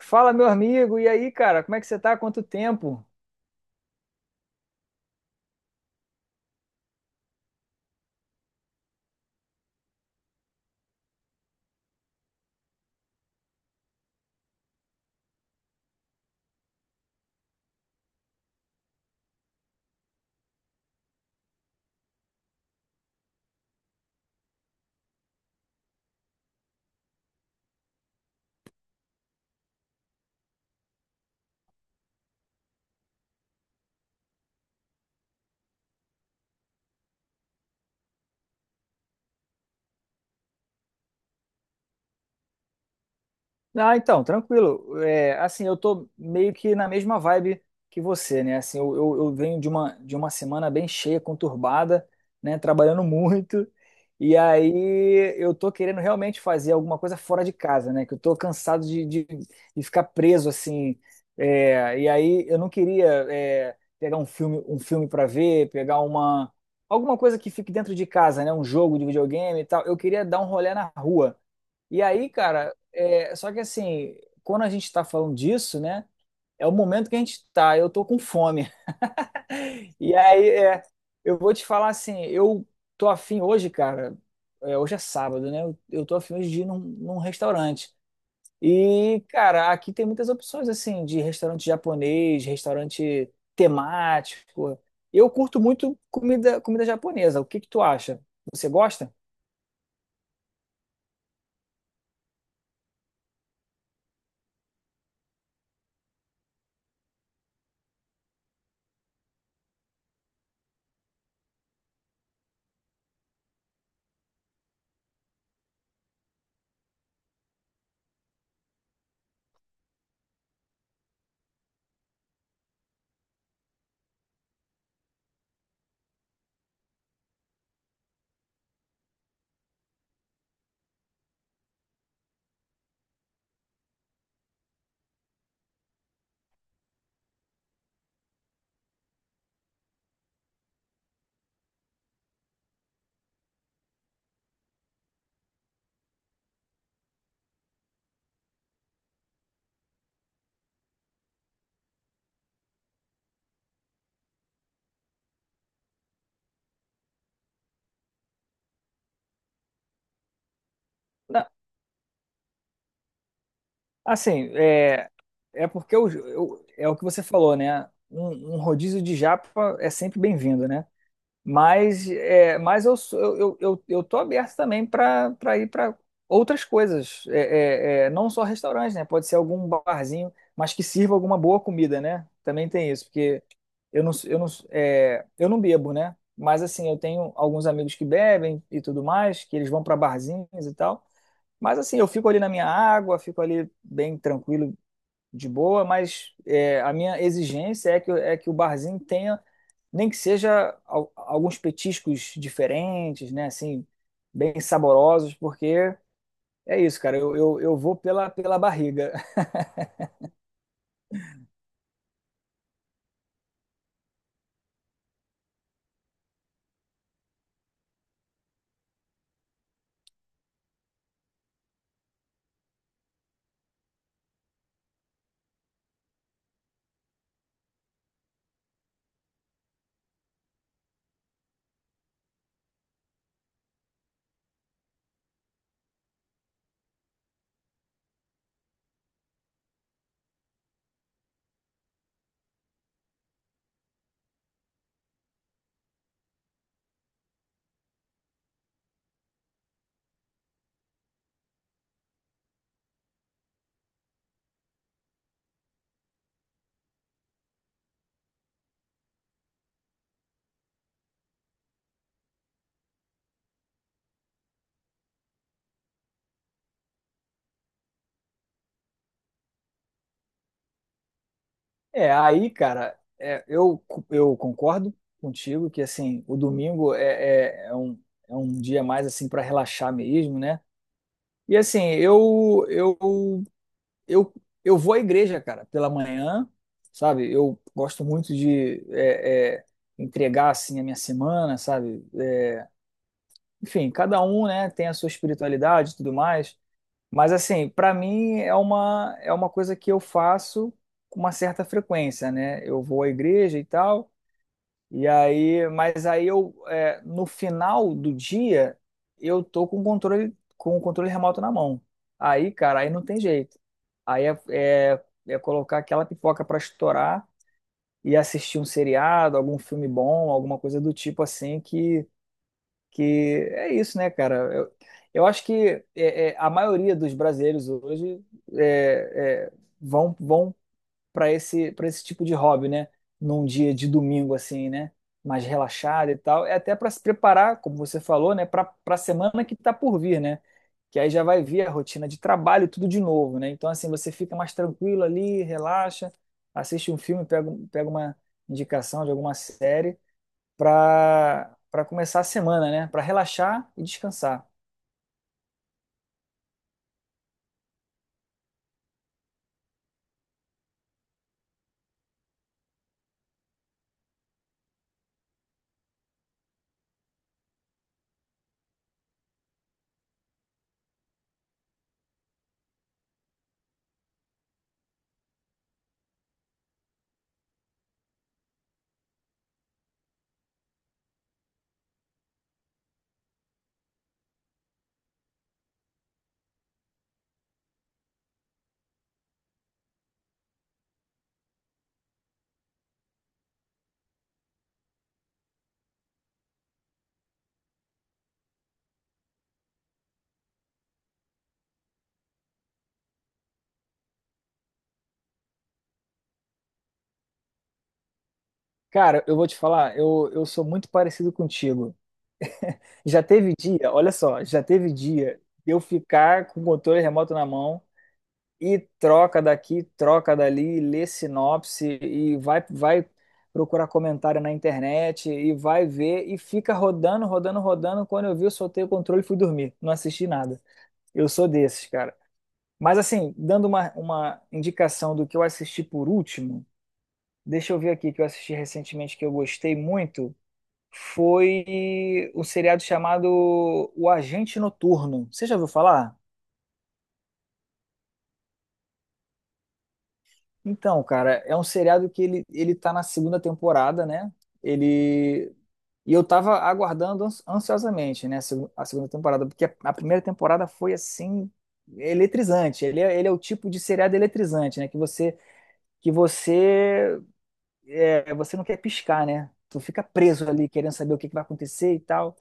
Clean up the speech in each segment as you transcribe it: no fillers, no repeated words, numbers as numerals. Fala, meu amigo, e aí, cara, como é que você tá? Quanto tempo? Ah, então, tranquilo. É, assim, eu tô meio que na mesma vibe que você, né? assim, eu venho de uma semana bem cheia, conturbada, né? Trabalhando muito. E aí eu tô querendo realmente fazer alguma coisa fora de casa, né? Que eu tô cansado de ficar preso, assim. É, e aí eu não queria, pegar um filme para ver, pegar uma. Alguma coisa que fique dentro de casa, né? Um jogo de videogame e tal. Eu queria dar um rolê na rua e aí, cara, só que assim, quando a gente tá falando disso, né? É o momento que a gente tá, eu tô com fome. E aí, eu vou te falar assim, eu tô afim hoje, cara, hoje é sábado, né? Eu tô afim hoje de ir num restaurante. E, cara, aqui tem muitas opções, assim, de restaurante japonês, restaurante temático. Eu curto muito comida japonesa. O que que tu acha? Você gosta? Na- Assim, é porque é o que você falou, né? Um rodízio de japa é sempre bem-vindo, né? Mas, mas eu tô aberto também para ir para outras coisas, não só restaurantes, né? Pode ser algum barzinho, mas que sirva alguma boa comida, né? Também tem isso, porque eu não bebo, né? Mas assim, eu tenho alguns amigos que bebem e tudo mais, que eles vão para barzinhos e tal. Mas assim, eu fico ali na minha água, fico ali bem tranquilo, de boa, mas a minha exigência é que o barzinho tenha, nem que seja alguns petiscos diferentes, né? Assim, bem saborosos, porque é isso, cara. Eu vou pela barriga. É, aí, cara, eu concordo contigo que, assim, o domingo é um dia mais, assim, para relaxar mesmo, né? E, assim, eu, eu vou à igreja, cara, pela manhã, sabe? Eu gosto muito de entregar, assim, a minha semana, sabe? É, enfim, cada um, né, tem a sua espiritualidade e tudo mais. Mas, assim, para mim é uma coisa que eu faço com uma certa frequência, né? Eu vou à igreja e tal, e aí, mas aí eu, no final do dia, eu tô com o controle remoto na mão. Aí, cara, aí não tem jeito. Aí é colocar aquela pipoca pra estourar e assistir um seriado, algum filme bom, alguma coisa do tipo assim, que é isso, né, cara? Eu acho que a maioria dos brasileiros hoje é, é, vão para esse tipo de hobby, né? Num dia de domingo assim, né? Mais relaxado e tal, é até para se preparar, como você falou, né? Para a semana que está por vir, né? Que aí já vai vir a rotina de trabalho tudo de novo, né? Então assim você fica mais tranquilo ali, relaxa, assiste um filme, pega uma indicação de alguma série para começar a semana, né? Para relaxar e descansar. Cara, eu vou te falar, eu sou muito parecido contigo. Já teve dia, olha só, já teve dia de eu ficar com o controle remoto na mão e troca daqui, troca dali, lê sinopse e vai procurar comentário na internet e vai ver e fica rodando, rodando, rodando. Quando eu vi, eu soltei o controle e fui dormir. Não assisti nada. Eu sou desses, cara. Mas assim, dando uma indicação do que eu assisti por último, deixa eu ver aqui que eu assisti recentemente que eu gostei muito foi um seriado chamado O Agente Noturno. Você já ouviu falar? Então, cara, é um seriado que ele tá na segunda temporada, né? Ele. E eu tava aguardando ansiosamente, né, a a segunda temporada, porque a primeira temporada foi assim eletrizante. Ele é o tipo de seriado eletrizante, né, que você você não quer piscar, né? Tu fica preso ali querendo saber o que que vai acontecer e tal.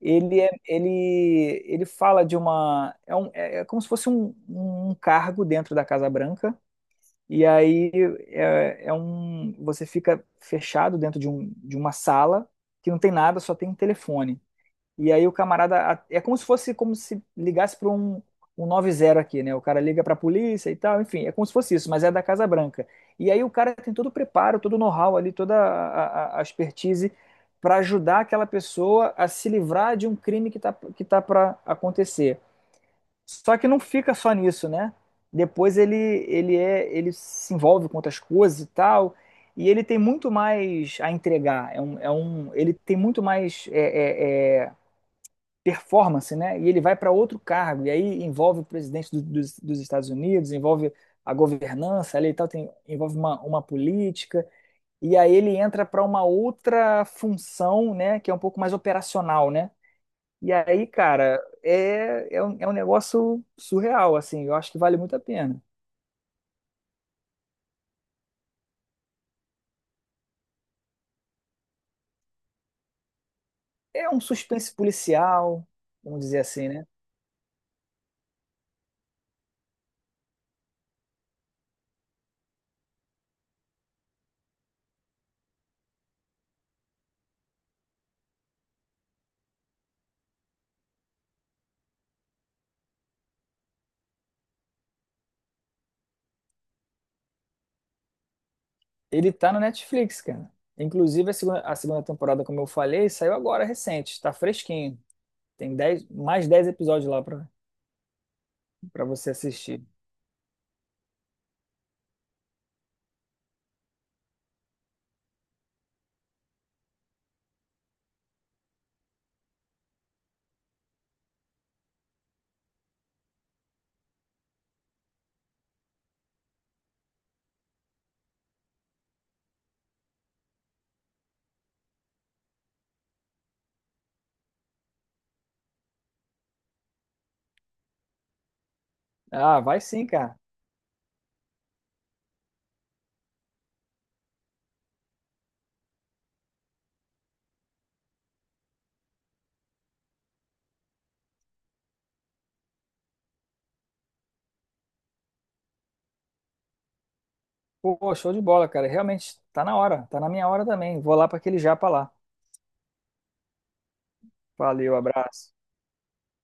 Ele fala de uma. É como se fosse um cargo dentro da Casa Branca. E aí você fica fechado dentro de uma sala que não tem nada, só tem um telefone. E aí o camarada. É como se fosse como se ligasse para um 90 aqui, né? O cara liga para a polícia e tal, enfim, é como se fosse isso, mas é da Casa Branca. E aí o cara tem todo o preparo, todo o know-how ali, toda a expertise para ajudar aquela pessoa a se livrar de um crime que tá para acontecer. Só que não fica só nisso, né? Depois ele se envolve com outras coisas e tal. E ele tem muito mais a entregar. Ele tem muito mais performance, né? E ele vai para outro cargo, e aí envolve o presidente dos Estados Unidos, envolve a governança ali e tal, envolve uma política, e aí ele entra para uma outra função, né, que é um pouco mais operacional, né? E aí, cara, é um negócio surreal, assim, eu acho que vale muito a pena. É um suspense policial, vamos dizer assim, né? Ele tá no Netflix, cara. Inclusive, a segunda temporada, como eu falei, saiu agora recente, tá fresquinho. Tem 10 mais 10 episódios lá pra você assistir. Ah, vai sim, cara. Pô, show de bola, cara. Realmente, tá na hora. Tá na minha hora também. Vou lá pra aquele japa lá. Valeu, abraço.